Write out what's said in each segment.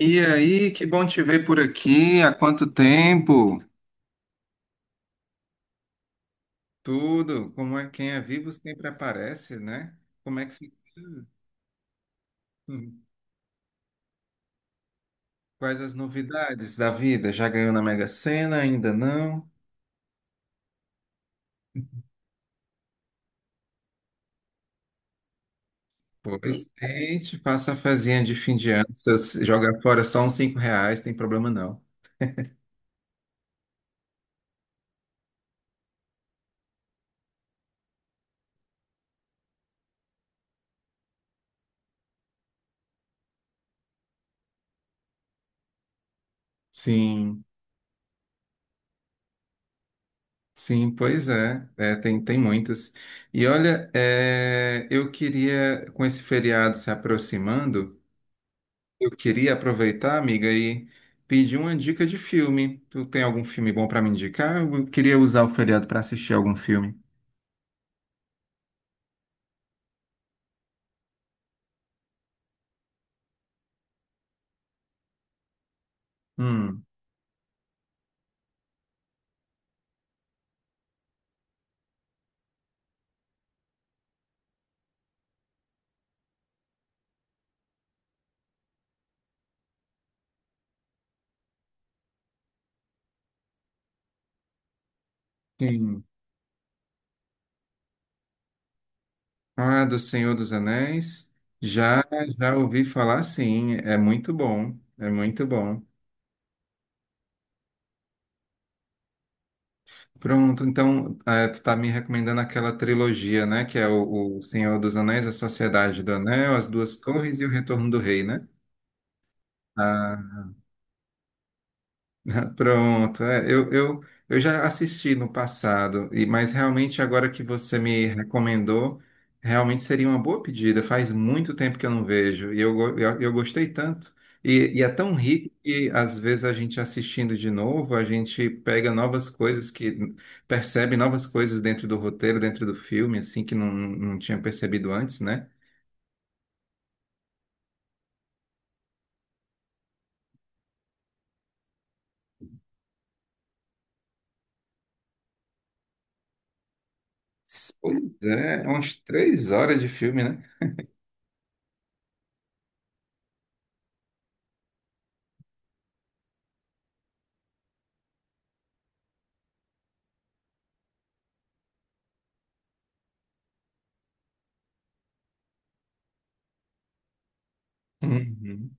E aí, que bom te ver por aqui. Há quanto tempo? Tudo, como é quem é vivo sempre aparece, né? Como é que se... Hum. Quais as novidades da vida? Já ganhou na Mega Sena? Ainda não? Pois tente, faça a fezinha de fim de ano. Se você jogar fora só uns R$ 5, tem problema não. Sim, sim, pois é. É, tem muitos. E olha, eu queria, com esse feriado se aproximando, eu queria aproveitar, amiga, e pedir uma dica de filme. Tu tem algum filme bom para me indicar? Eu queria usar o feriado para assistir algum filme. Hum, sim. Ah, do Senhor dos Anéis. Já, já ouvi falar, sim. É muito bom. É muito bom. Pronto, então, tu tá me recomendando aquela trilogia, né? Que é o Senhor dos Anéis, A Sociedade do Anel, As Duas Torres e O Retorno do Rei, né? Ah. Pronto, eu já assisti no passado, e mas realmente agora que você me recomendou, realmente seria uma boa pedida. Faz muito tempo que eu não vejo, e eu gostei tanto. E é tão rico que às vezes a gente assistindo de novo, a gente pega novas coisas que percebe novas coisas dentro do roteiro, dentro do filme, assim, que não tinha percebido antes, né? Pois é, é umas 3 horas de filme, né? Uhum.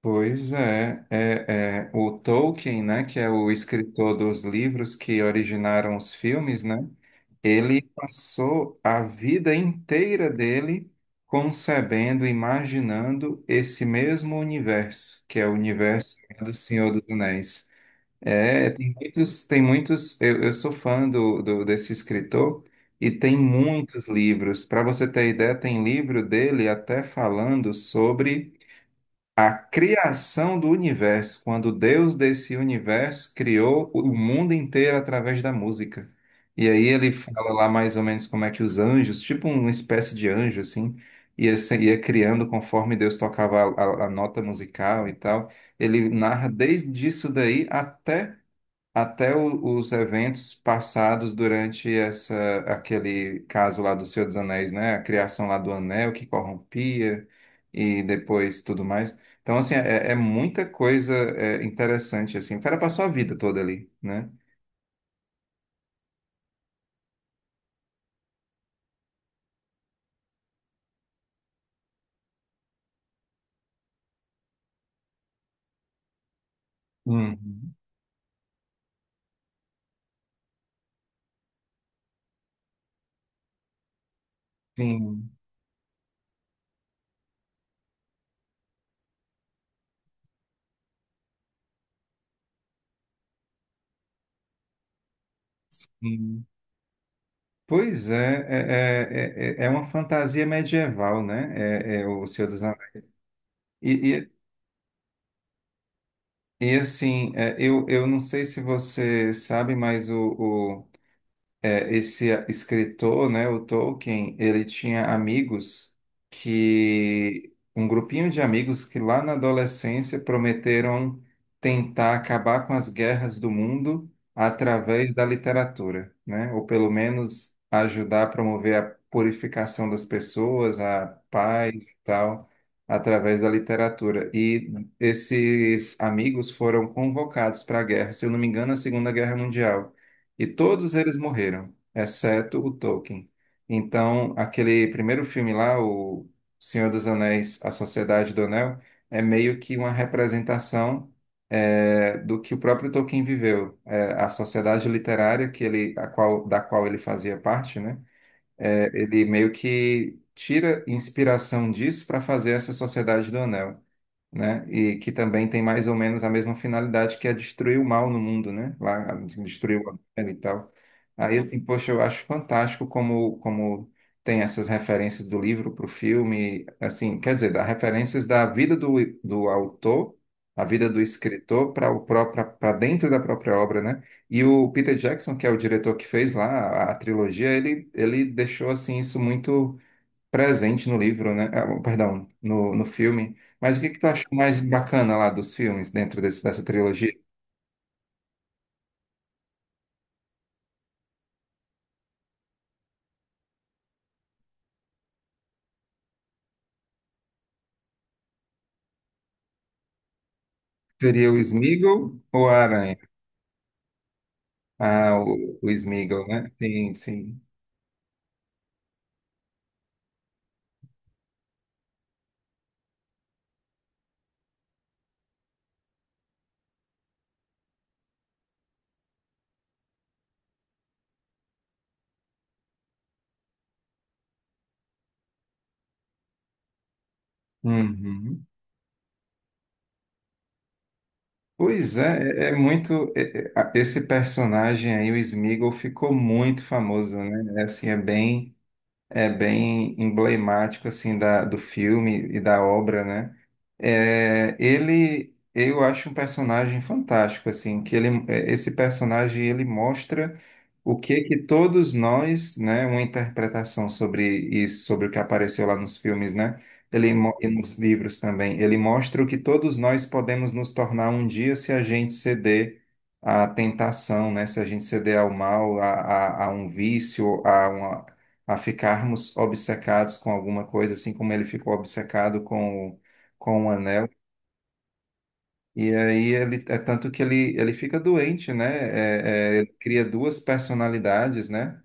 Pois é, o Tolkien, né, que é o escritor dos livros que originaram os filmes, né, ele passou a vida inteira dele concebendo, imaginando esse mesmo universo, que é o universo do Senhor dos Anéis. É, tem muitos, eu sou fã desse escritor e tem muitos livros. Para você ter ideia, tem livro dele até falando sobre a criação do universo, quando Deus desse universo criou o mundo inteiro através da música. E aí ele fala lá mais ou menos como é que os anjos, tipo uma espécie de anjo assim, ia, se- ia criando conforme Deus tocava a nota musical e tal. Ele narra desde isso daí os eventos passados durante essa aquele caso lá do Senhor dos Anéis, né? A criação lá do anel que corrompia e depois tudo mais. Então, assim, é muita coisa é, interessante, assim. O cara passou a vida toda ali, né? Uhum. Sim, sim. Pois é, é uma fantasia medieval, né? É o Senhor dos Anéis. E, e, e assim, eu não sei se você sabe, mas esse escritor, né, o Tolkien, ele tinha amigos que, um grupinho de amigos que lá na adolescência prometeram tentar acabar com as guerras do mundo através da literatura, né, ou pelo menos ajudar a promover a purificação das pessoas, a paz e tal, através da literatura. E esses amigos foram convocados para a guerra, se eu não me engano, a Segunda Guerra Mundial. E todos eles morreram, exceto o Tolkien. Então, aquele primeiro filme lá, O Senhor dos Anéis, A Sociedade do Anel, é meio que uma representação do que o próprio Tolkien viveu. A sociedade literária que ele, a qual, da qual ele fazia parte, né? Ele meio que tira inspiração disso para fazer essa Sociedade do Anel, né? E que também tem mais ou menos a mesma finalidade que é destruir o mal no mundo, né? Lá destruir o Abel e tal. Aí assim, poxa, eu acho fantástico como tem essas referências do livro para o filme, assim, quer dizer, dá referências da vida do autor, a vida do escritor para o próprio para dentro da própria obra, né? E o Peter Jackson, que é o diretor que fez lá a trilogia, ele deixou assim isso muito presente no livro, né? Ah, perdão, no filme. Mas o que que tu achou mais bacana lá dos filmes, dentro dessa trilogia? Seria o Sméagol ou a Aranha? Ah, o Sméagol, né? Sim, sim. Uhum. Pois é, é muito. Esse personagem aí, o Sméagol, ficou muito famoso, né? É, assim, é bem emblemático assim da, do filme e da obra, né? É, ele, eu acho um personagem fantástico, assim, que ele, esse personagem ele mostra o que que todos nós, né, uma interpretação sobre isso, sobre o que apareceu lá nos filmes, né, e nos livros também, ele mostra o que todos nós podemos nos tornar um dia se a gente ceder à tentação, né, se a gente ceder ao mal, a um vício, a ficarmos obcecados com alguma coisa, assim como ele ficou obcecado com o anel. E aí ele é tanto que ele fica doente, né? Ele cria duas personalidades, né?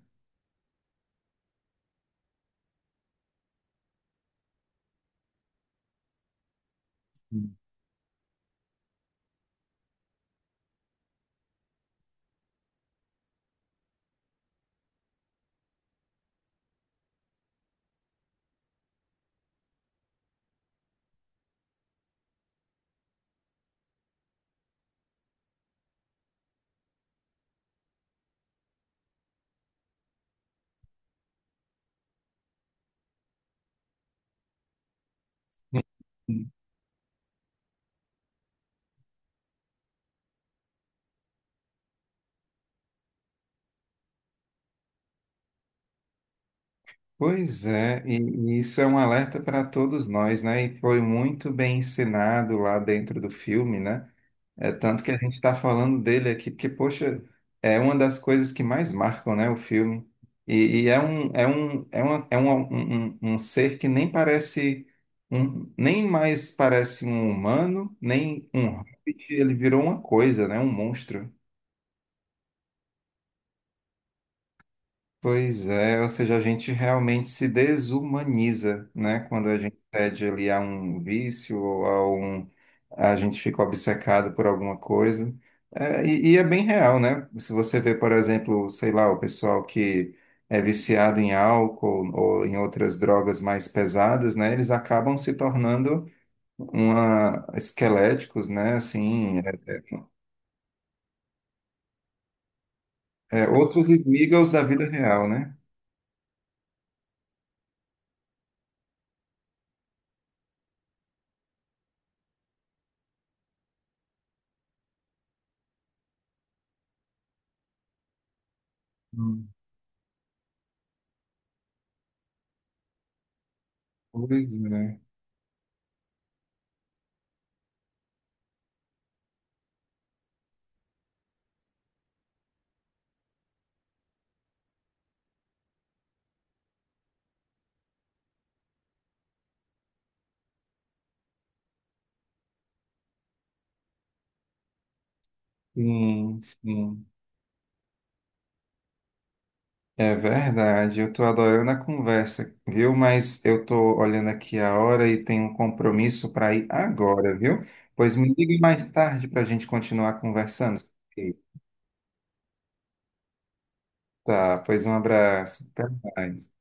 Sim. Pois é, e isso é um alerta para todos nós, né? E foi muito bem ensinado lá dentro do filme, né? É tanto que a gente está falando dele aqui, porque, poxa, é uma das coisas que mais marcam, né, o filme. E é um, é um, é uma, é um, um, um um ser que nem parece um, nem mais parece um humano, nem um hobbit, ele virou uma coisa, né, um monstro. Pois é, ou seja, a gente realmente se desumaniza, né, quando a gente cede ali a um vício ou a gente fica obcecado por alguma coisa. É, E é bem real, né? Se você vê, por exemplo, sei lá, o pessoal que é viciado em álcool ou em outras drogas mais pesadas, né? Eles acabam se tornando esqueléticos, né? Assim, é, é outros amigos da vida real, né? Hum. Pois é. Sim, sim. É verdade, eu tô adorando a conversa, viu? Mas eu tô olhando aqui a hora e tenho um compromisso para ir agora, viu? Pois me ligue mais tarde para a gente continuar conversando. Tá, pois um abraço. Até mais.